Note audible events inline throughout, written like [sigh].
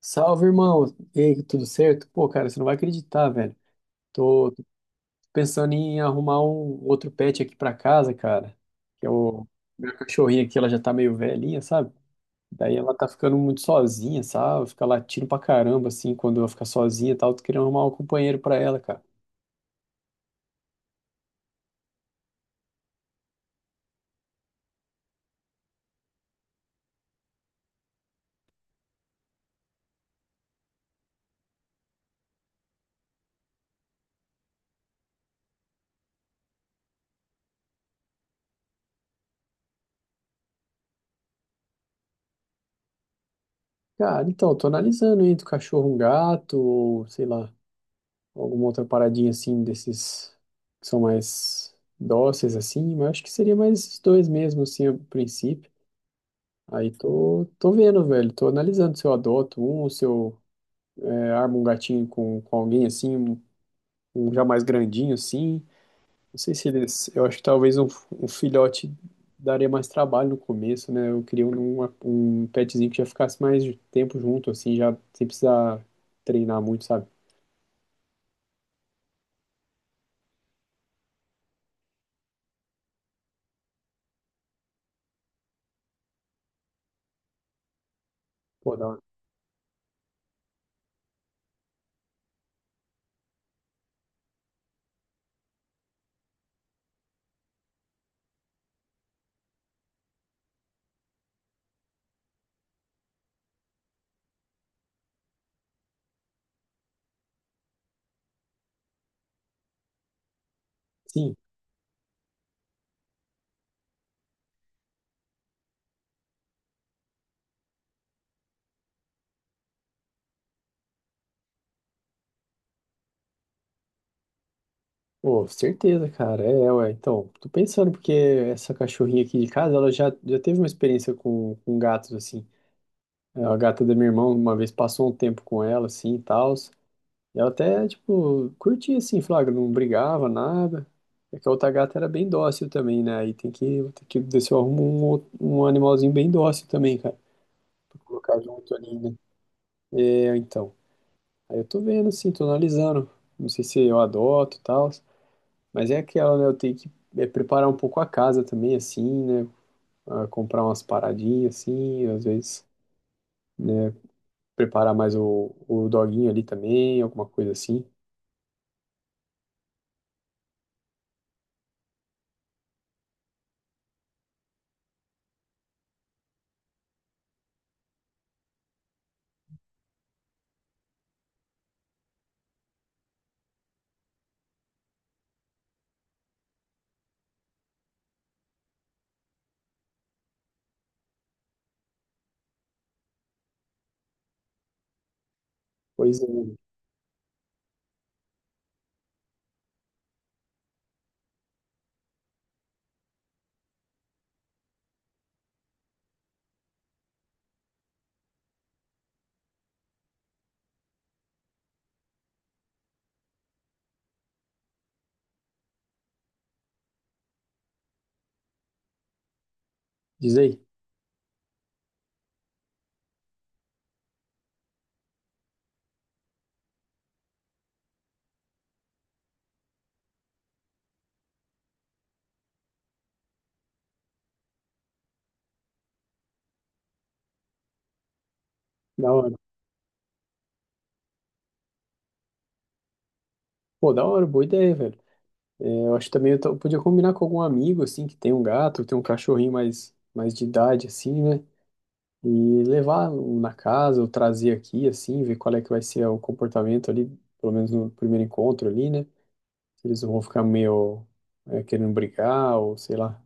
Salve, irmão. E aí, tudo certo? Pô, cara, você não vai acreditar, velho. Tô pensando em arrumar um outro pet aqui pra casa, cara. Que é o minha cachorrinha aqui, ela já tá meio velhinha, sabe? Daí ela tá ficando muito sozinha, sabe? Fica latindo pra caramba, assim, quando ela fica sozinha e tal. Tô querendo arrumar um companheiro pra ela, cara. Cara, então, tô analisando entre o cachorro, um gato, ou sei lá, alguma outra paradinha assim, desses que são mais dóceis, assim. Mas acho que seria mais esses dois mesmo, assim, a princípio. Aí tô vendo, velho. Tô analisando se eu adoto um, se eu é, armo um gatinho com alguém assim, um já mais grandinho assim. Não sei se eles. Eu acho que talvez um, um filhote daria mais trabalho no começo, né? Eu queria um, uma- um petzinho que já ficasse mais tempo junto, assim, já sem precisar treinar muito, sabe? Pô, da hora. Sim. Pô, certeza, cara. É, ué. Então, tô pensando porque essa cachorrinha aqui de casa, ela já teve uma experiência com gatos, assim. É, a gata da minha irmã uma vez passou um tempo com ela, assim, e tal. E ela até, tipo, curtia, assim, flagra, não brigava, nada. É que a outra gata era bem dócil também, né? Aí tem que ver se eu arrumo um, outro- um animalzinho bem dócil também, cara. Pra colocar junto ali, né? É, então. Aí eu tô vendo, assim, tô analisando. Não sei se eu adoto e tal. Mas é aquela, né? Eu tenho que é, preparar um pouco a casa também, assim, né? Ah, comprar umas paradinhas, assim, às vezes. Né, preparar mais o doguinho ali também, alguma coisa assim. Pois é, mano. Diz aí. Da hora. Pô, da hora, boa ideia, velho. É, eu acho que também eu, to- eu podia combinar com algum amigo, assim, que tem um gato, tem um cachorrinho mais de idade, assim, né? E levar um na casa, ou trazer aqui, assim, ver qual é que vai ser o comportamento ali, pelo menos no primeiro encontro ali, né? Se eles não vão ficar meio, é, querendo brigar, ou sei lá.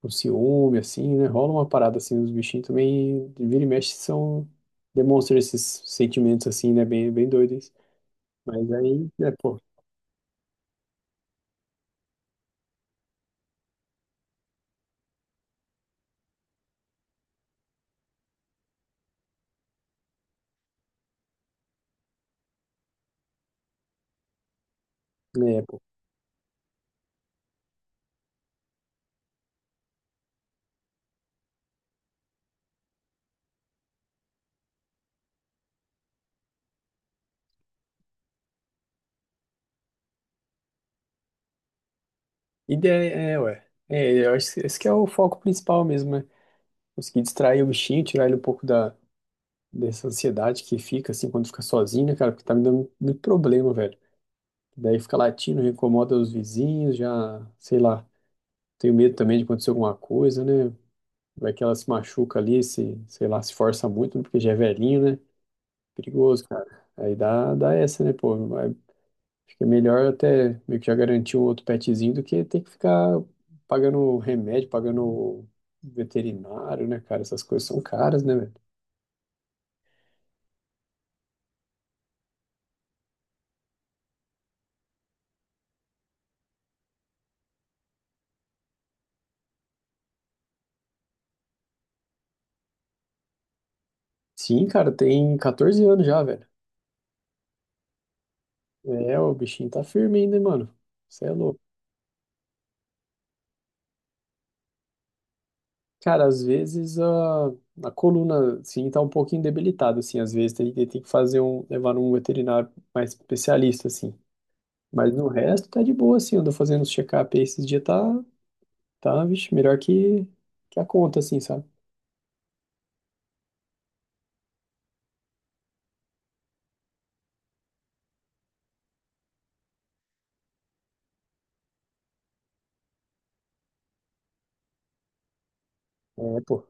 Por ciúme, assim, né? Rola uma parada assim, os bichinhos também, vira e mexe, são, demonstram esses sentimentos assim, né? Bem doidos. Mas aí, né pô, né, é, pô. Ideia, é, ué. É, eu acho que esse que é o foco principal mesmo, né? Conseguir distrair o bichinho, tirar ele um pouco da, dessa ansiedade que fica, assim, quando fica sozinho, né, cara? Porque tá me dando muito problema, velho. Daí fica latindo, incomoda os vizinhos, já, sei lá, tenho medo também de acontecer alguma coisa, né? Vai que ela se machuca ali, se, sei lá, se força muito, né, porque já é velhinho, né? Perigoso, cara. Aí dá essa, né, pô? Vai- fica melhor até meio que já garantir um outro petzinho do que ter que ficar pagando remédio, pagando veterinário, né, cara? Essas coisas são caras, né, velho? Sim, cara, tem 14 anos já, velho. É, o bichinho tá firme ainda, hein, mano. Você é louco. Cara, às vezes a coluna, assim, tá um pouquinho debilitada, assim. Às vezes tem que fazer um, levar um veterinário mais especialista, assim. Mas no resto tá de boa, assim. Eu ando fazendo os check-up aí esses dias, tá, tá, vixe, melhor que a conta, assim, sabe? É, pô.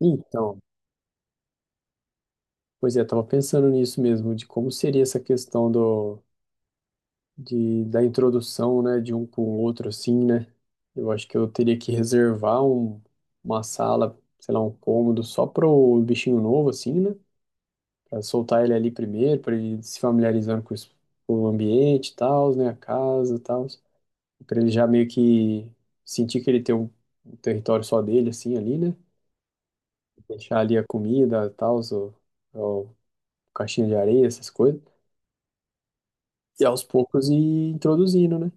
Então, pois é, tava pensando nisso mesmo, de como seria essa questão do, de, da introdução, né, de um com o outro, assim, né? Eu acho que eu teria que reservar um, uma sala, sei lá, um cômodo só pro bichinho novo, assim, né? Pra soltar ele ali primeiro, pra ele se familiarizando com, os- com o ambiente e tal, né? A casa e tal. Pra ele já meio que sentir que ele tem um, um território só dele, assim, ali, né? Deixar ali a comida, tal, o caixinha de areia, essas coisas. E aos poucos ir introduzindo, né?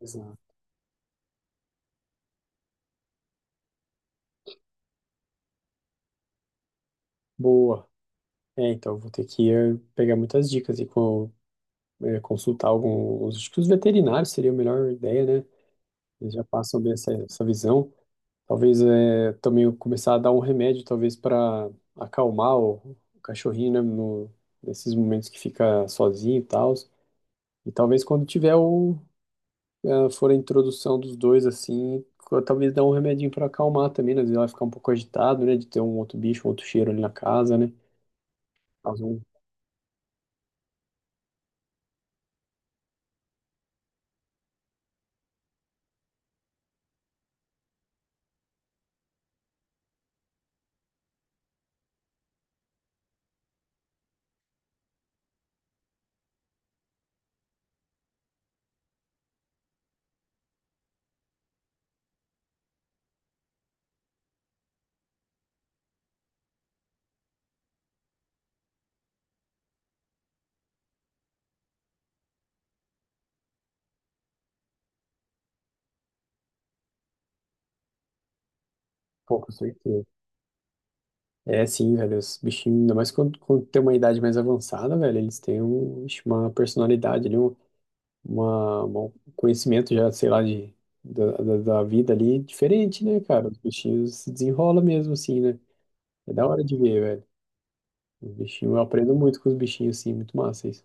Exato. Boa. É, então vou ter que pegar muitas dicas e co- consultar alguns. Acho que os veterinários seria a melhor ideia, né? Eles já passam bem essa, essa visão. Talvez também eu começar a dar um remédio, talvez para acalmar o cachorrinho, né? No, nesses momentos que fica sozinho e tal. E talvez quando tiver o, ah, for a introdução dos dois, assim, co- talvez dá um remedinho para acalmar também, né? Às vezes ela vai ficar um pouco agitado, né? De ter um outro bicho, um outro cheiro ali na casa, né? Mas um pouco de certeza. É, sim, velho, os bichinhos, ainda mais quando tem uma idade mais avançada, velho, eles têm um, ixi, uma personalidade ali, um, uma, um conhecimento já, sei lá, de, da vida ali diferente, né, cara? Os bichinhos se desenrolam mesmo, assim, né? É da hora de ver, velho. Os bichinhos, eu aprendo muito com os bichinhos, assim, muito massa isso.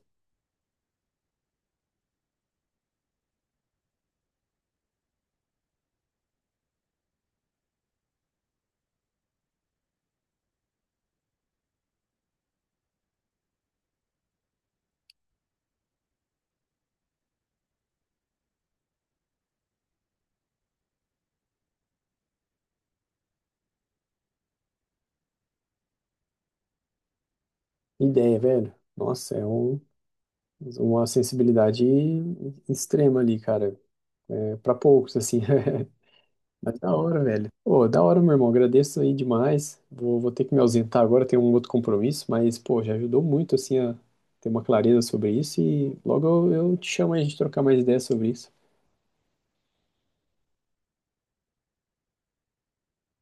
Ideia, velho. Nossa, é um, uma sensibilidade extrema ali, cara. É, para poucos, assim. [laughs] Mas da hora, velho. Pô, da hora, meu irmão. Agradeço aí demais. Vou ter que me ausentar agora, tenho um outro compromisso, mas, pô, já ajudou muito, assim, a ter uma clareza sobre isso. E logo eu te chamo aí a gente trocar mais ideias sobre isso.